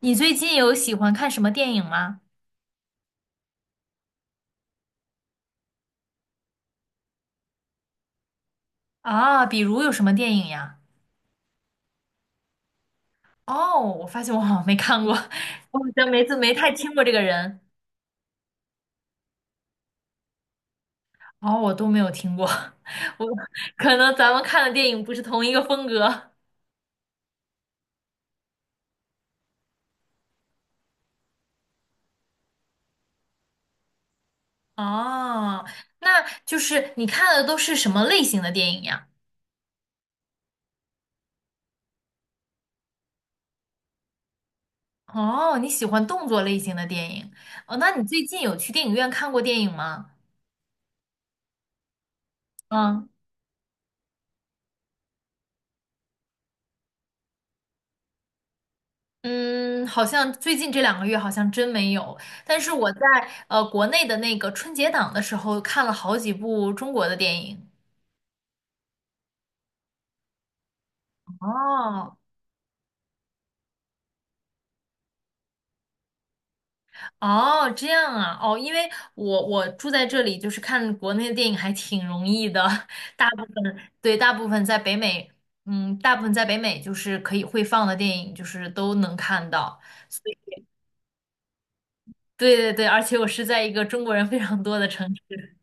你最近有喜欢看什么电影吗？啊，比如有什么电影呀？哦，我发现我好像没看过，我好像没太听过这个人。哦，我都没有听过，我可能咱们看的电影不是同一个风格。哦，那就是你看的都是什么类型的电影呀？哦，你喜欢动作类型的电影。哦，那你最近有去电影院看过电影吗？嗯。嗯，好像最近这2个月好像真没有，但是我在国内的那个春节档的时候看了好几部中国的电影。哦哦，这样啊，哦，因为我住在这里，就是看国内的电影还挺容易的，大部分在北美，嗯，大部分在北美就是可以会放的电影，就是都能看到。所以对对对，而且我是在一个中国人非常多的城市。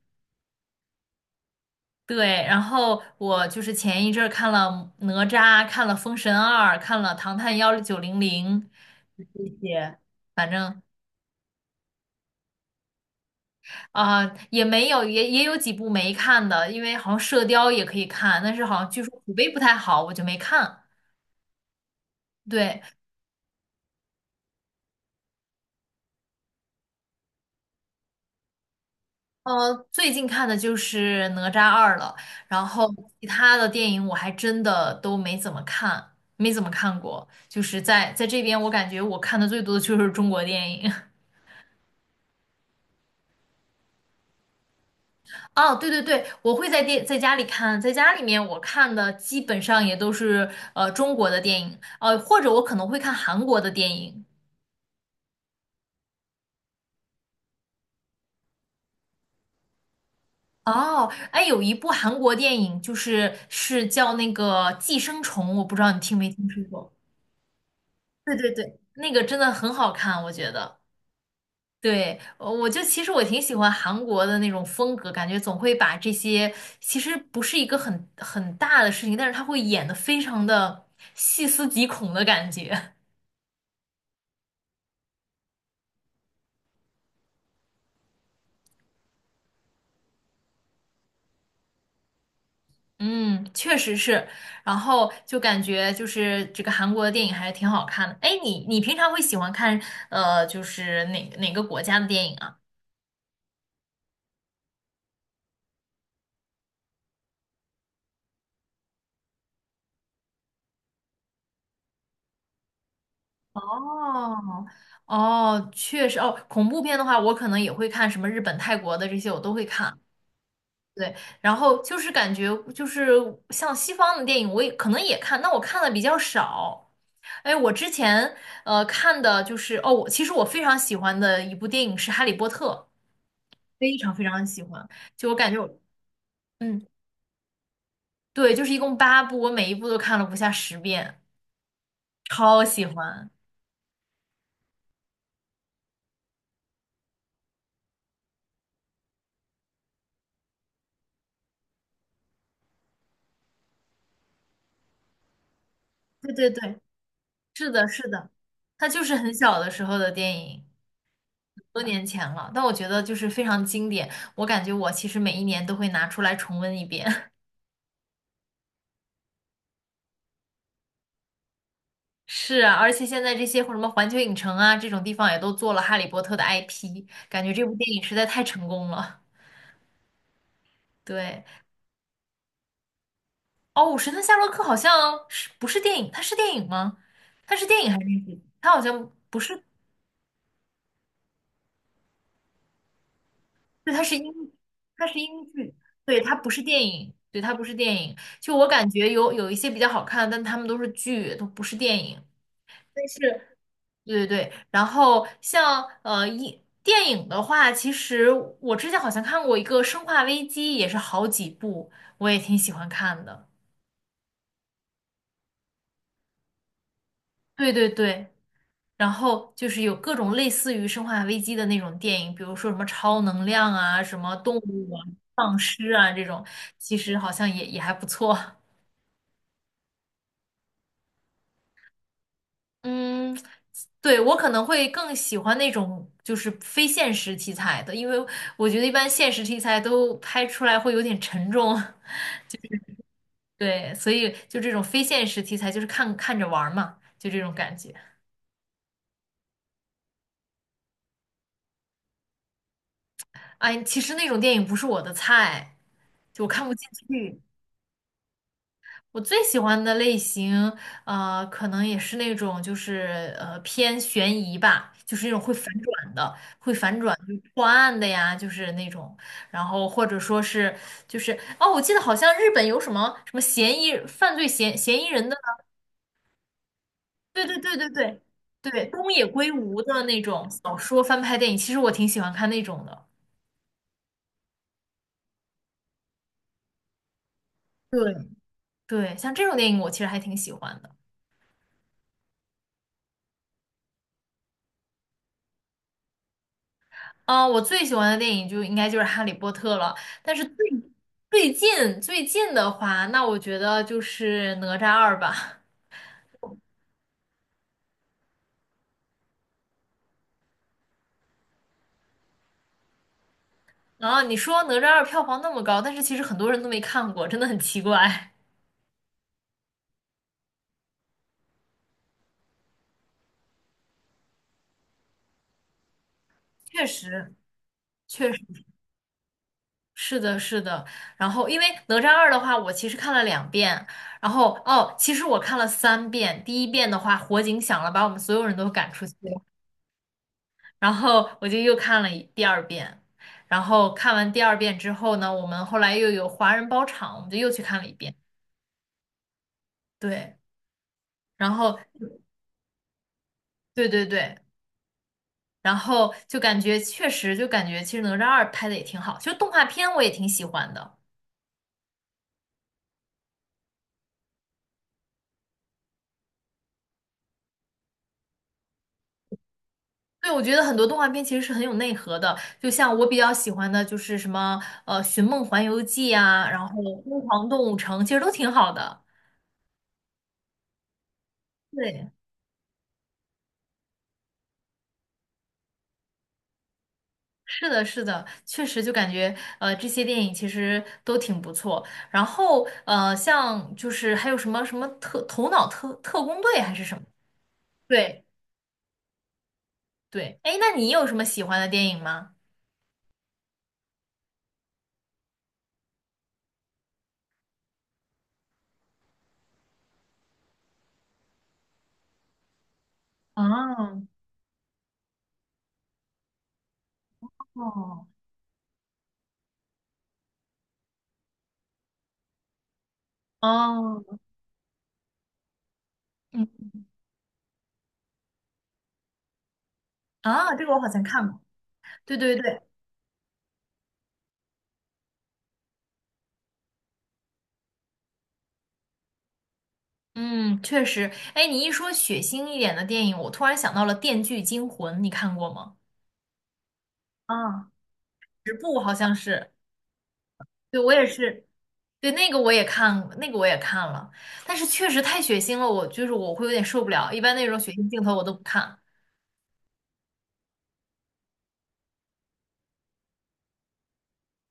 对，然后我就是前一阵儿看了哪吒，看了《封神二》，看了《唐探1900》这些，反正啊、也没有，也有几部没看的，因为好像《射雕》也可以看，但是好像据说口碑不太好，我就没看。对，最近看的就是《哪吒二》了，然后其他的电影我还真的都没怎么看，没怎么看过。就是在这边，我感觉我看的最多的就是中国电影。哦，对对对，我会在家里看，在家里面我看的基本上也都是中国的电影，或者我可能会看韩国的电影。哦，哎，有一部韩国电影就是是叫那个《寄生虫》，我不知道你听没听说过。对对对，那个真的很好看，我觉得。对，我就其实我挺喜欢韩国的那种风格，感觉总会把这些其实不是一个很大的事情，但是他会演得非常的细思极恐的感觉。嗯，确实是，然后就感觉就是这个韩国的电影还是挺好看的。哎，你平常会喜欢看就是哪个国家的电影啊？哦哦，确实哦，恐怖片的话，我可能也会看什么日本、泰国的这些，我都会看。对，然后就是感觉就是像西方的电影，我也可能也看，那我看的比较少。哎，我之前看的就是，我其实我非常喜欢的一部电影是《哈利波特》。非常非常喜欢。就我感觉我，嗯，对，就是一共8部，我每一部都看了不下10遍，超喜欢。对对对，是的，是的，它就是很小的时候的电影，很多年前了，但我觉得就是非常经典。我感觉我其实每一年都会拿出来重温一遍。是啊，而且现在这些或什么环球影城啊这种地方也都做了《哈利波特》的 IP，感觉这部电影实在太成功了。对。哦，《神探夏洛克》好像是不是电影？它是电影吗？它是电影还是电视剧？它好像不是，对，它是英，它是英剧，对，它不是电影，对，它不是电影。就我感觉有一些比较好看，但他们都是剧，都不是电影。但是对对对，然后像电影的话，其实我之前好像看过一个《生化危机》，也是好几部，我也挺喜欢看的。对对对。然后就是有各种类似于《生化危机》的那种电影，比如说什么超能量啊、什么动物啊、丧尸啊这种，其实好像也还不错。嗯，对，我可能会更喜欢那种就是非现实题材的，因为我觉得一般现实题材都拍出来会有点沉重。对，所以就这种非现实题材，就是看看着玩儿嘛，就这种感觉。哎，其实那种电影不是我的菜，就我看不进去。我最喜欢的类型，可能也是那种就是偏悬疑吧，就是那种会反转的，会反转就破案的呀，就是那种，然后或者说是就是哦，我记得好像日本有什么什么嫌疑犯罪嫌嫌疑人的，对对对对对对，东野圭吾的那种小说翻拍电影，其实我挺喜欢看那种的。对，对，像这种电影我其实还挺喜欢的。啊、我最喜欢的电影就应该就是《哈利波特》了。但是最近的话，那我觉得就是《哪吒二》吧。啊，你说《哪吒二》票房那么高，但是其实很多人都没看过，真的很奇怪。确实，确实是的，是的。然后，因为《哪吒二》的话，我其实看了2遍。然后，哦，其实我看了3遍。第1遍的话，火警响了，把我们所有人都赶出去。然后我就又看了第二遍，然后看完第二遍之后呢，我们后来又有华人包场，我们就又去看了一遍。对，然后对对对，然后就感觉确实就感觉其实哪吒二拍的也挺好，其实动画片我也挺喜欢的。对，我觉得很多动画片其实是很有内核的，就像我比较喜欢的就是什么《寻梦环游记》啊，然后《疯狂动物城》，其实都挺好的。对。是的，是的，确实就感觉这些电影其实都挺不错。然后像就是还有什么什么特头脑特工队还是什么？对对，哎，那你有什么喜欢的电影吗？啊，哦哦，嗯啊，这个我好像看过。对对对，嗯，确实。哎，你一说血腥一点的电影，我突然想到了《电锯惊魂》，你看过吗？啊，10部好像是。对，我也是，对，那个我也看，那个我也看了，但是确实太血腥了，我就是我会有点受不了，一般那种血腥镜头我都不看。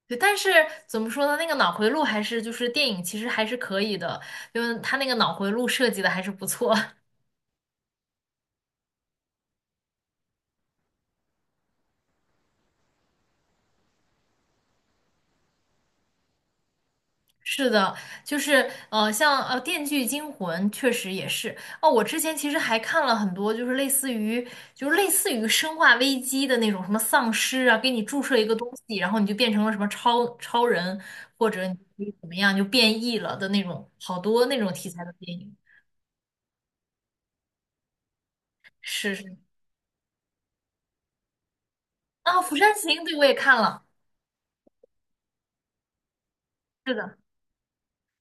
对，但是怎么说呢，那个脑回路还是就是电影其实还是可以的，因为他那个脑回路设计的还是不错。是的，就是，像《电锯惊魂》确实也是哦。我之前其实还看了很多，就是类似于《生化危机》的那种什么丧尸啊，给你注射一个东西，然后你就变成了什么超人，或者你可以怎么样就变异了的那种，好多那种题材的电影。是是啊，《釜山行》对我也看了，是的，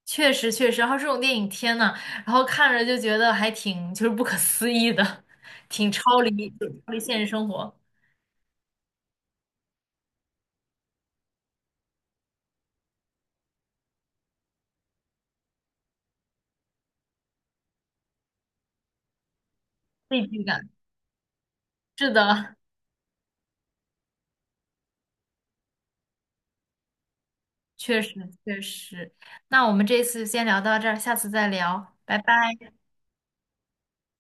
确实确实。然后这种电影，天呐，然后看着就觉得还挺就是不可思议的，挺超离就超离现实生活。畏惧感。是的，确实确实。那我们这次先聊到这儿，下次再聊，拜拜。